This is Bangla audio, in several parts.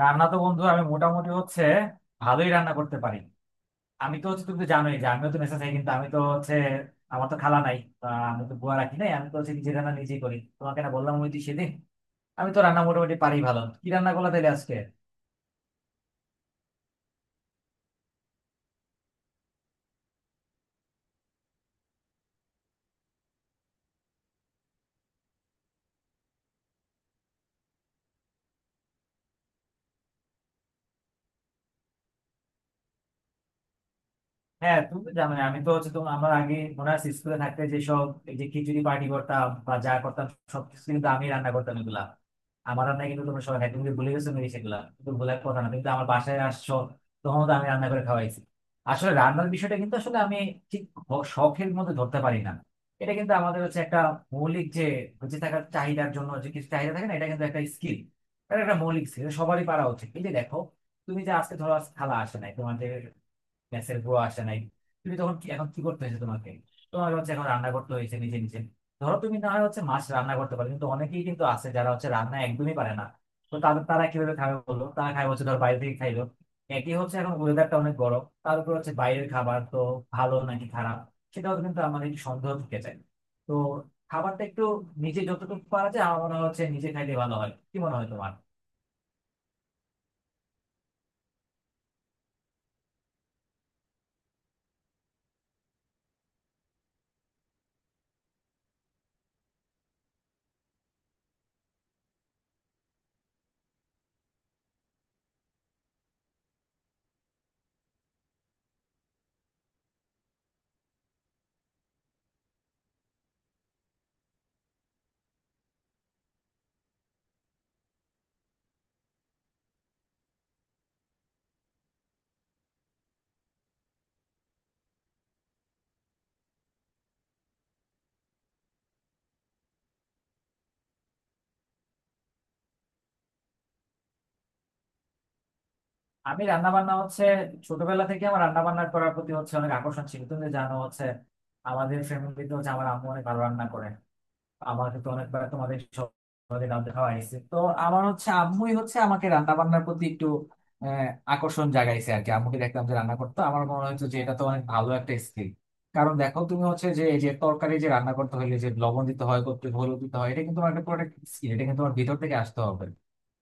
রান্না তো বন্ধু আমি মোটামুটি হচ্ছে ভালোই রান্না করতে পারি। আমি তো হচ্ছে তুমি তো জানোই যে আমিও তো মেসে থাকি, কিন্তু আমি তো হচ্ছে আমার তো খালা নাই। আমি তো বুয়া রাখি নাই, আমি তো হচ্ছে নিজে রান্না নিজেই করি। তোমাকে না বললাম ওই দিন সেদিন, আমি তো রান্না মোটামুটি পারি। ভালো, কি রান্না করলা তাহলে আজকে? হ্যাঁ, তুমি তো জানো আমি তো হচ্ছে তোমার আমার আগে মনে আছে স্কুলে থাকতে যেসব এই যে খিচুড়ি পার্টি করতাম বা যা করতাম, সবকিছু কিন্তু আমি রান্না করতাম এগুলা। আমার রান্না কিন্তু তোমরা সবাই খাই, তুমি তো ভুলে গেছো নাকি? সেগুলা কিন্তু ভুলার কথা না। কিন্তু আমার বাসায় আসছো তখন তো আমি রান্না করে খাওয়াইছি। আসলে রান্নার বিষয়টা কিন্তু আসলে আমি ঠিক শখের মধ্যে ধরতে পারি না। এটা কিন্তু আমাদের হচ্ছে একটা মৌলিক যে বেঁচে থাকার চাহিদার জন্য যে কিছু চাহিদা থাকে না, এটা কিন্তু একটা স্কিল। এটা একটা মৌলিক স্কিল, সবারই পারা উচিত। এই যে দেখো, তুমি যে আজকে ধরো আজকে খালা আসে নাই তোমাদের, গ্যাসের গুঁড়ো আসে নাই, তুমি তখন এখন কি করতে হয়েছে তোমাকে? তোমার হচ্ছে এখন রান্না করতে হয়েছে নিজে নিজে। ধরো তুমি না হয় হচ্ছে মাছ রান্না করতে পারো, কিন্তু অনেকেই কিন্তু আছে যারা হচ্ছে রান্না একদমই পারে না। তো তাদের, তারা কিভাবে খাবে? বললো তারা খাই হচ্ছে, ধর বাইরে থেকে খাইলো, একই হচ্ছে। এখন ওয়েদারটা অনেক গরম, তার উপর হচ্ছে বাইরের খাবার তো ভালো নাকি খারাপ সেটাও কিন্তু আমাদের একটু সন্দেহ থেকে যায়। তো খাবারটা একটু নিজে যতটুকু পারা যায়, আমার মনে হয় হচ্ছে নিজে খাইলে ভালো হয়। কি মনে হয় তোমার? আমি রান্না বান্না হচ্ছে ছোটবেলা থেকে আমার রান্না বান্না করার প্রতি হচ্ছে অনেক আকর্ষণ ছিল। তুমি তো জানো হচ্ছে আমাদের ফ্যামিলিতে হচ্ছে আমার আম্মু অনেক ভালো রান্না করে। আমার তো অনেকবার তোমাদের সবাই রান্না খাওয়া হয়েছে তো। আমার হচ্ছে আম্মুই হচ্ছে আমাকে রান্না বান্নার প্রতি একটু আহ, আকর্ষণ জাগাইছে আর কি। আম্মুকে দেখতাম যে রান্না করতো, আমার মনে হচ্ছে যে এটা তো অনেক ভালো একটা স্কিল। কারণ দেখো তুমি হচ্ছে যে এই যে তরকারি যে রান্না করতে হলে যে লবণ দিতে হয়, করতে হলুদ দিতে হয়, এটা কিন্তু তোমার একটা প্রোডাক্ট স্কিল, এটা কিন্তু তোমার ভিতর থেকে আসতে হবে।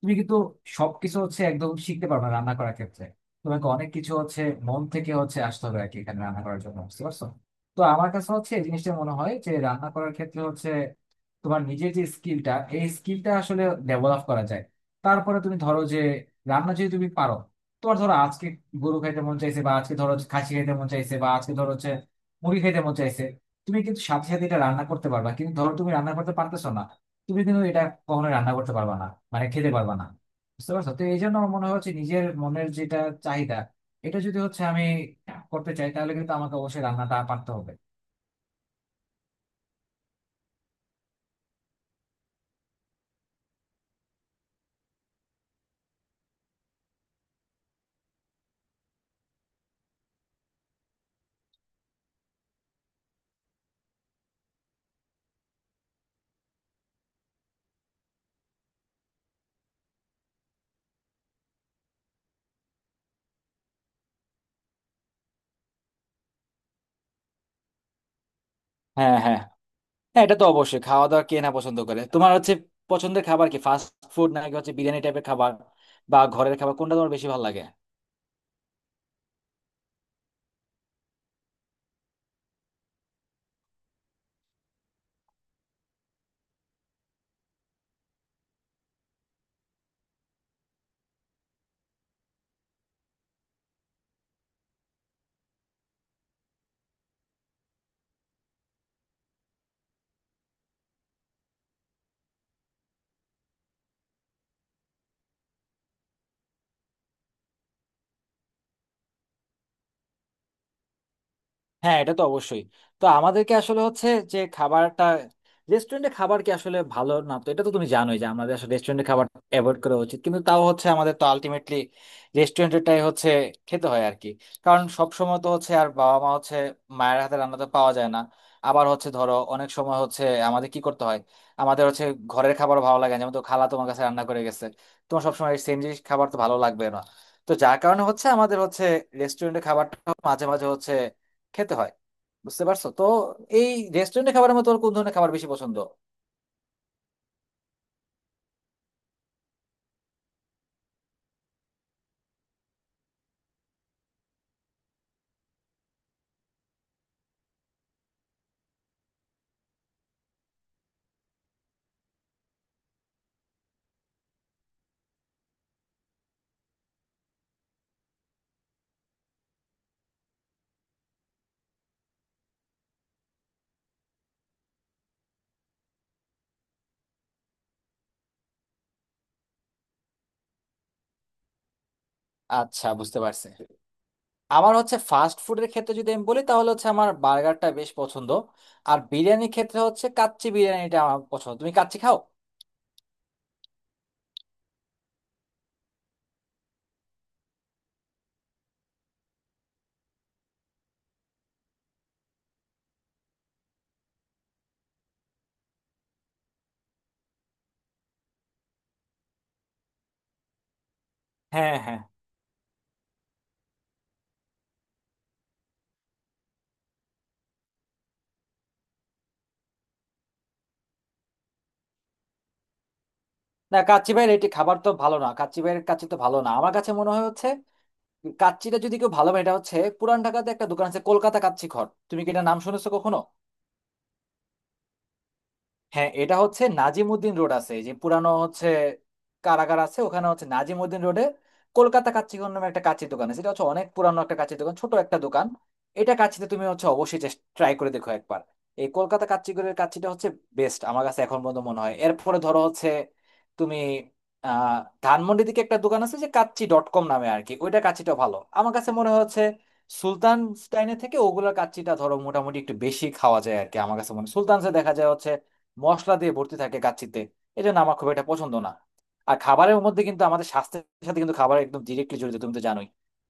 তুমি কিন্তু সবকিছু হচ্ছে একদম শিখতে পারবে না রান্না করার ক্ষেত্রে। তোমাকে অনেক কিছু হচ্ছে মন থেকে হচ্ছে আসতে হবে আর কি এখানে রান্না করার জন্য, বুঝতে পারছো? তো আমার কাছে হচ্ছে এই জিনিসটা মনে হয় যে রান্না করার ক্ষেত্রে হচ্ছে তোমার নিজের যে স্কিলটা, এই স্কিলটা আসলে ডেভেলপ করা যায়। তারপরে তুমি ধরো যে রান্না যদি তুমি পারো, তোমার ধরো আজকে গরু খাইতে মন চাইছে, বা আজকে ধরো খাসি খাইতে মন চাইছে, বা আজকে ধরো হচ্ছে মুরগি খাইতে মন চাইছে, তুমি কিন্তু সাথে সাথে এটা রান্না করতে পারবা। কিন্তু ধরো তুমি রান্না করতে পারতেছো না, তুমি কিন্তু এটা কখনো রান্না করতে পারবা না, মানে খেতে পারবা না। বুঝতে পারছো তো? এই জন্য আমার মনে হচ্ছে নিজের মনের যেটা চাহিদা, এটা যদি হচ্ছে আমি করতে চাই, তাহলে কিন্তু আমাকে অবশ্যই রান্নাটা পারতে হবে। হ্যাঁ, হ্যাঁ। হ্যাঁ, এটা তো অবশ্যই, খাওয়া দাওয়া কে না পছন্দ করে। তোমার হচ্ছে পছন্দের খাবার কি ফাস্ট ফুড, নাকি হচ্ছে বিরিয়ানি টাইপের খাবার, বা ঘরের খাবার, কোনটা তোমার বেশি ভালো লাগে? হ্যাঁ, এটা তো অবশ্যই। তো আমাদেরকে আসলে হচ্ছে যে খাবারটা, রেস্টুরেন্টে খাবার কি আসলে ভালো না তো, এটা তো তুমি জানোই যে আমাদের আসলে রেস্টুরেন্টে খাবার অ্যাভয়েড করা উচিত। কিন্তু তাও হচ্ছে আমাদের তো আলটিমেটলি রেস্টুরেন্টেরটাই হচ্ছে খেতে হয় আর কি। কারণ সব সময় তো হচ্ছে আর বাবা মা হচ্ছে মায়ের হাতে রান্না তো পাওয়া যায় না। আবার হচ্ছে ধরো অনেক সময় হচ্ছে আমাদের কি করতে হয়, আমাদের হচ্ছে ঘরের খাবার ভালো লাগে না। যেমন তো খালা তোমার কাছে রান্না করে গেছে, তোমার সবসময় সেম জিনিস খাবার তো ভালো লাগবে না। তো যার কারণে হচ্ছে আমাদের হচ্ছে রেস্টুরেন্টের খাবারটা মাঝে মাঝে হচ্ছে খেতে হয়, বুঝতে পারছো তো? এই রেস্টুরেন্টে খাবারের মতো ওর কোন ধরনের খাবার বেশি পছন্দ? আচ্ছা, বুঝতে পারছে। আমার হচ্ছে ফাস্ট ফুডের ক্ষেত্রে যদি আমি বলি, তাহলে হচ্ছে আমার বার্গারটা বেশ পছন্দ। আর বিরিয়ানির ক্ষেত্রে হচ্ছে কাচ্চি বিরিয়ানিটা আমার পছন্দ। তুমি কাচ্চি খাও? হ্যাঁ, হ্যাঁ। না, কাচ্চি ভাইয়ের এটি খাবার তো ভালো না, কাচ্চি ভাইয়ের কাচ্চি তো ভালো না। আমার কাছে মনে হয় হচ্ছে কাচ্চিটা যদি কেউ ভালো হয়, এটা হচ্ছে পুরান ঢাকাতে একটা দোকান আছে কলকাতা কাচ্চি ঘর। তুমি কি এটা নাম শুনেছো কখনো? হ্যাঁ, এটা হচ্ছে নাজিমুদ্দিন রোড আছে, এই যে পুরানো হচ্ছে কারাগার আছে, ওখানে হচ্ছে নাজিমুদ্দিন রোডে কলকাতা কাচ্চিগণ নামে একটা কাচ্চি দোকান আছে। এটা হচ্ছে অনেক পুরানো একটা কাচ্চি দোকান, ছোট একটা দোকান। এটা কাচ্চিতে তুমি হচ্ছে অবশ্যই ট্রাই করে দেখো একবার। এই কলকাতা কাচ্চিগড়ের কাচ্চিটা হচ্ছে বেস্ট আমার কাছে এখন পর্যন্ত মনে হয়। এরপরে ধরো হচ্ছে তুমি আহ ধানমন্ডি দিকে একটা দোকান আছে যে কাচ্চি ডট কম নামে আর কি, ওইটা কাচ্চিটা ভালো আমার কাছে মনে হয় হচ্ছে। সুলতান স্টাইনের থেকে ওগুলোর কাচ্চিটা ধরো মোটামুটি একটু বেশি খাওয়া যায় আর কি আমার কাছে মনে হয়। সুলতানসে দেখা যায় হচ্ছে মশলা দিয়ে ভর্তি থাকে কাচ্চিতে, এই জন্য আমার খুব একটা পছন্দ না। আর খাবারের মধ্যে কিন্তু আমাদের স্বাস্থ্যের সাথে কিন্তু খাবার একদম ডিরেক্টলি জড়িত, তুমি তো জানোই।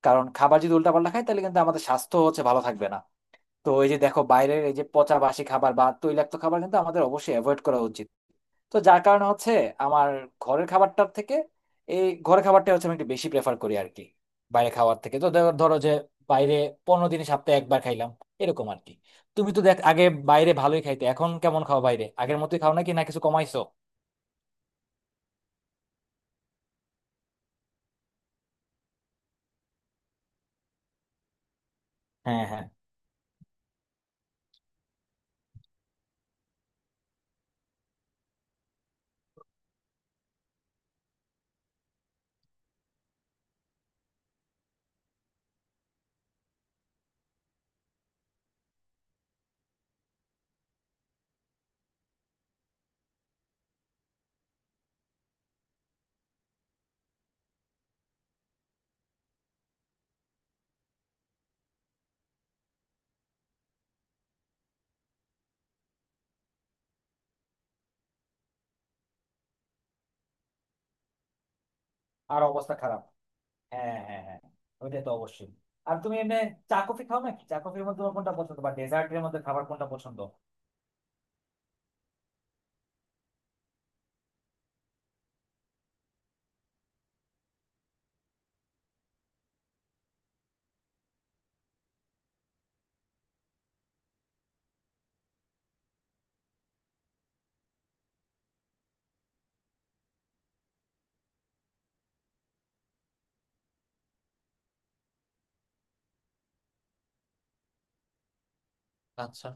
কারণ খাবার যদি উল্টাপাল্টা খাই, তাহলে কিন্তু আমাদের স্বাস্থ্য হচ্ছে ভালো থাকবে না। তো এই যে দেখো বাইরের এই যে পচা বাসি খাবার বা তৈলাক্ত খাবার, কিন্তু আমাদের অবশ্যই অ্যাভয়েড করা উচিত। তো যার কারণে হচ্ছে আমার ঘরের খাবারটার থেকে, এই ঘরের খাবারটা হচ্ছে আমি একটু বেশি প্রেফার করি আর কি বাইরে খাওয়ার থেকে। তো ধরো যে বাইরে 15 দিন সপ্তাহে একবার খাইলাম, এরকম আর কি। তুমি তো দেখ আগে বাইরে ভালোই খাইতে, এখন কেমন খাও বাইরে? আগের মতোই খাও নাকি না, কিছু কমাইছো? হ্যাঁ, হ্যাঁ। আর অবস্থা খারাপ। হ্যাঁ, হ্যাঁ, হ্যাঁ, ওইটা তো অবশ্যই। আর তুমি এমনি চা কফি খাও নাকি? চা কফির মধ্যে তোমার কোনটা পছন্দ, বা ডেজার্টের মধ্যে খাবার কোনটা পছন্দ? আচ্ছা,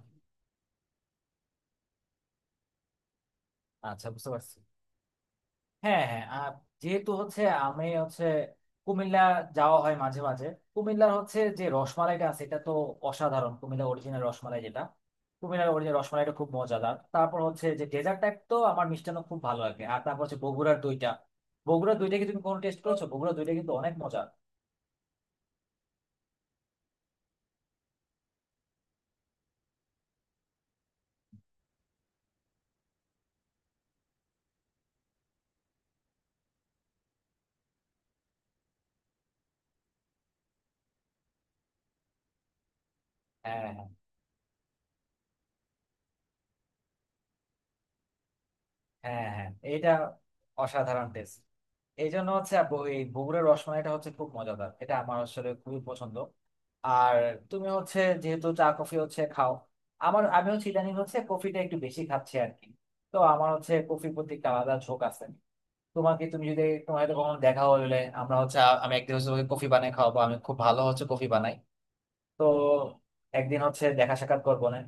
আচ্ছা, বুঝতে পারছি। হ্যাঁ, হ্যাঁ। আর যেহেতু হচ্ছে আমি হচ্ছে কুমিল্লা যাওয়া হয় মাঝে মাঝে, কুমিল্লার হচ্ছে যে রসমালাইটা আছে এটা তো অসাধারণ। কুমিল্লা অরিজিনাল রসমালাই যেটা, কুমিল্লার অরিজিনাল রসমালাইটা খুব মজাদার। তারপর হচ্ছে যে ডেজার্ট টাইপ তো আমার মিষ্টান্ন খুব ভালো লাগে। আর তারপর হচ্ছে বগুড়ার দইটা, বগুড়ার দইটা কি তুমি কোনো টেস্ট করেছো? বগুড়ার দইটা কিন্তু অনেক মজা। হ্যাঁ, হ্যাঁ, হ্যাঁ, এটা অসাধারণ টেস্ট। এই জন্য হচ্ছে এই বগুড়ার রসমালাইটা হচ্ছে খুব মজাদার, এটা আমার আসলে খুবই পছন্দ। আর তুমি হচ্ছে যেহেতু চা কফি হচ্ছে খাও, আমার আমি হচ্ছে ইদানিং হচ্ছে কফিটা একটু বেশি খাচ্ছি আর কি। তো আমার হচ্ছে কফির প্রতি একটা আলাদা ঝোঁক আছে। তোমাকে তুমি যদি তোমার হয়তো কখনো দেখা হলে, আমরা হচ্ছে আমি একদিন হচ্ছে তোমাকে কফি বানাই খাওয়াবো, আমি খুব ভালো হচ্ছে কফি বানাই। তো একদিন হচ্ছে দেখা সাক্ষাৎ করবো না?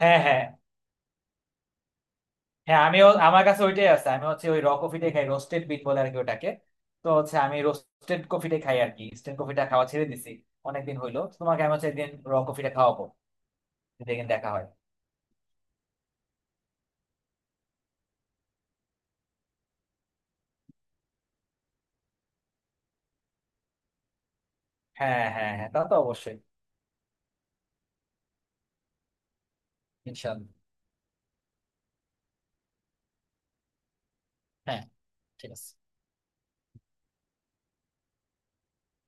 হ্যাঁ, হ্যাঁ, হ্যাঁ, আমিও আমার কাছে ওইটাই আছে, আমি হচ্ছে ওই র কফিটাই খাই, রোস্টেড বিট বলে আর কি ওটাকে। তো হচ্ছে আমি রোস্টেড কফিটাই খাই আর কি, ইনস্ট্যান্ট কফিটা খাওয়া ছেড়ে দিছি অনেকদিন হইলো। তোমাকে আমি হচ্ছে একদিন র কফিটা খাওয়াবো যদি একদিন দেখা হয়। হ্যাঁ, হ্যাঁ, হ্যাঁ, তা তো অবশ্যই। ইনশাল্লাহ। হ্যাঁ, ঠিক আছে।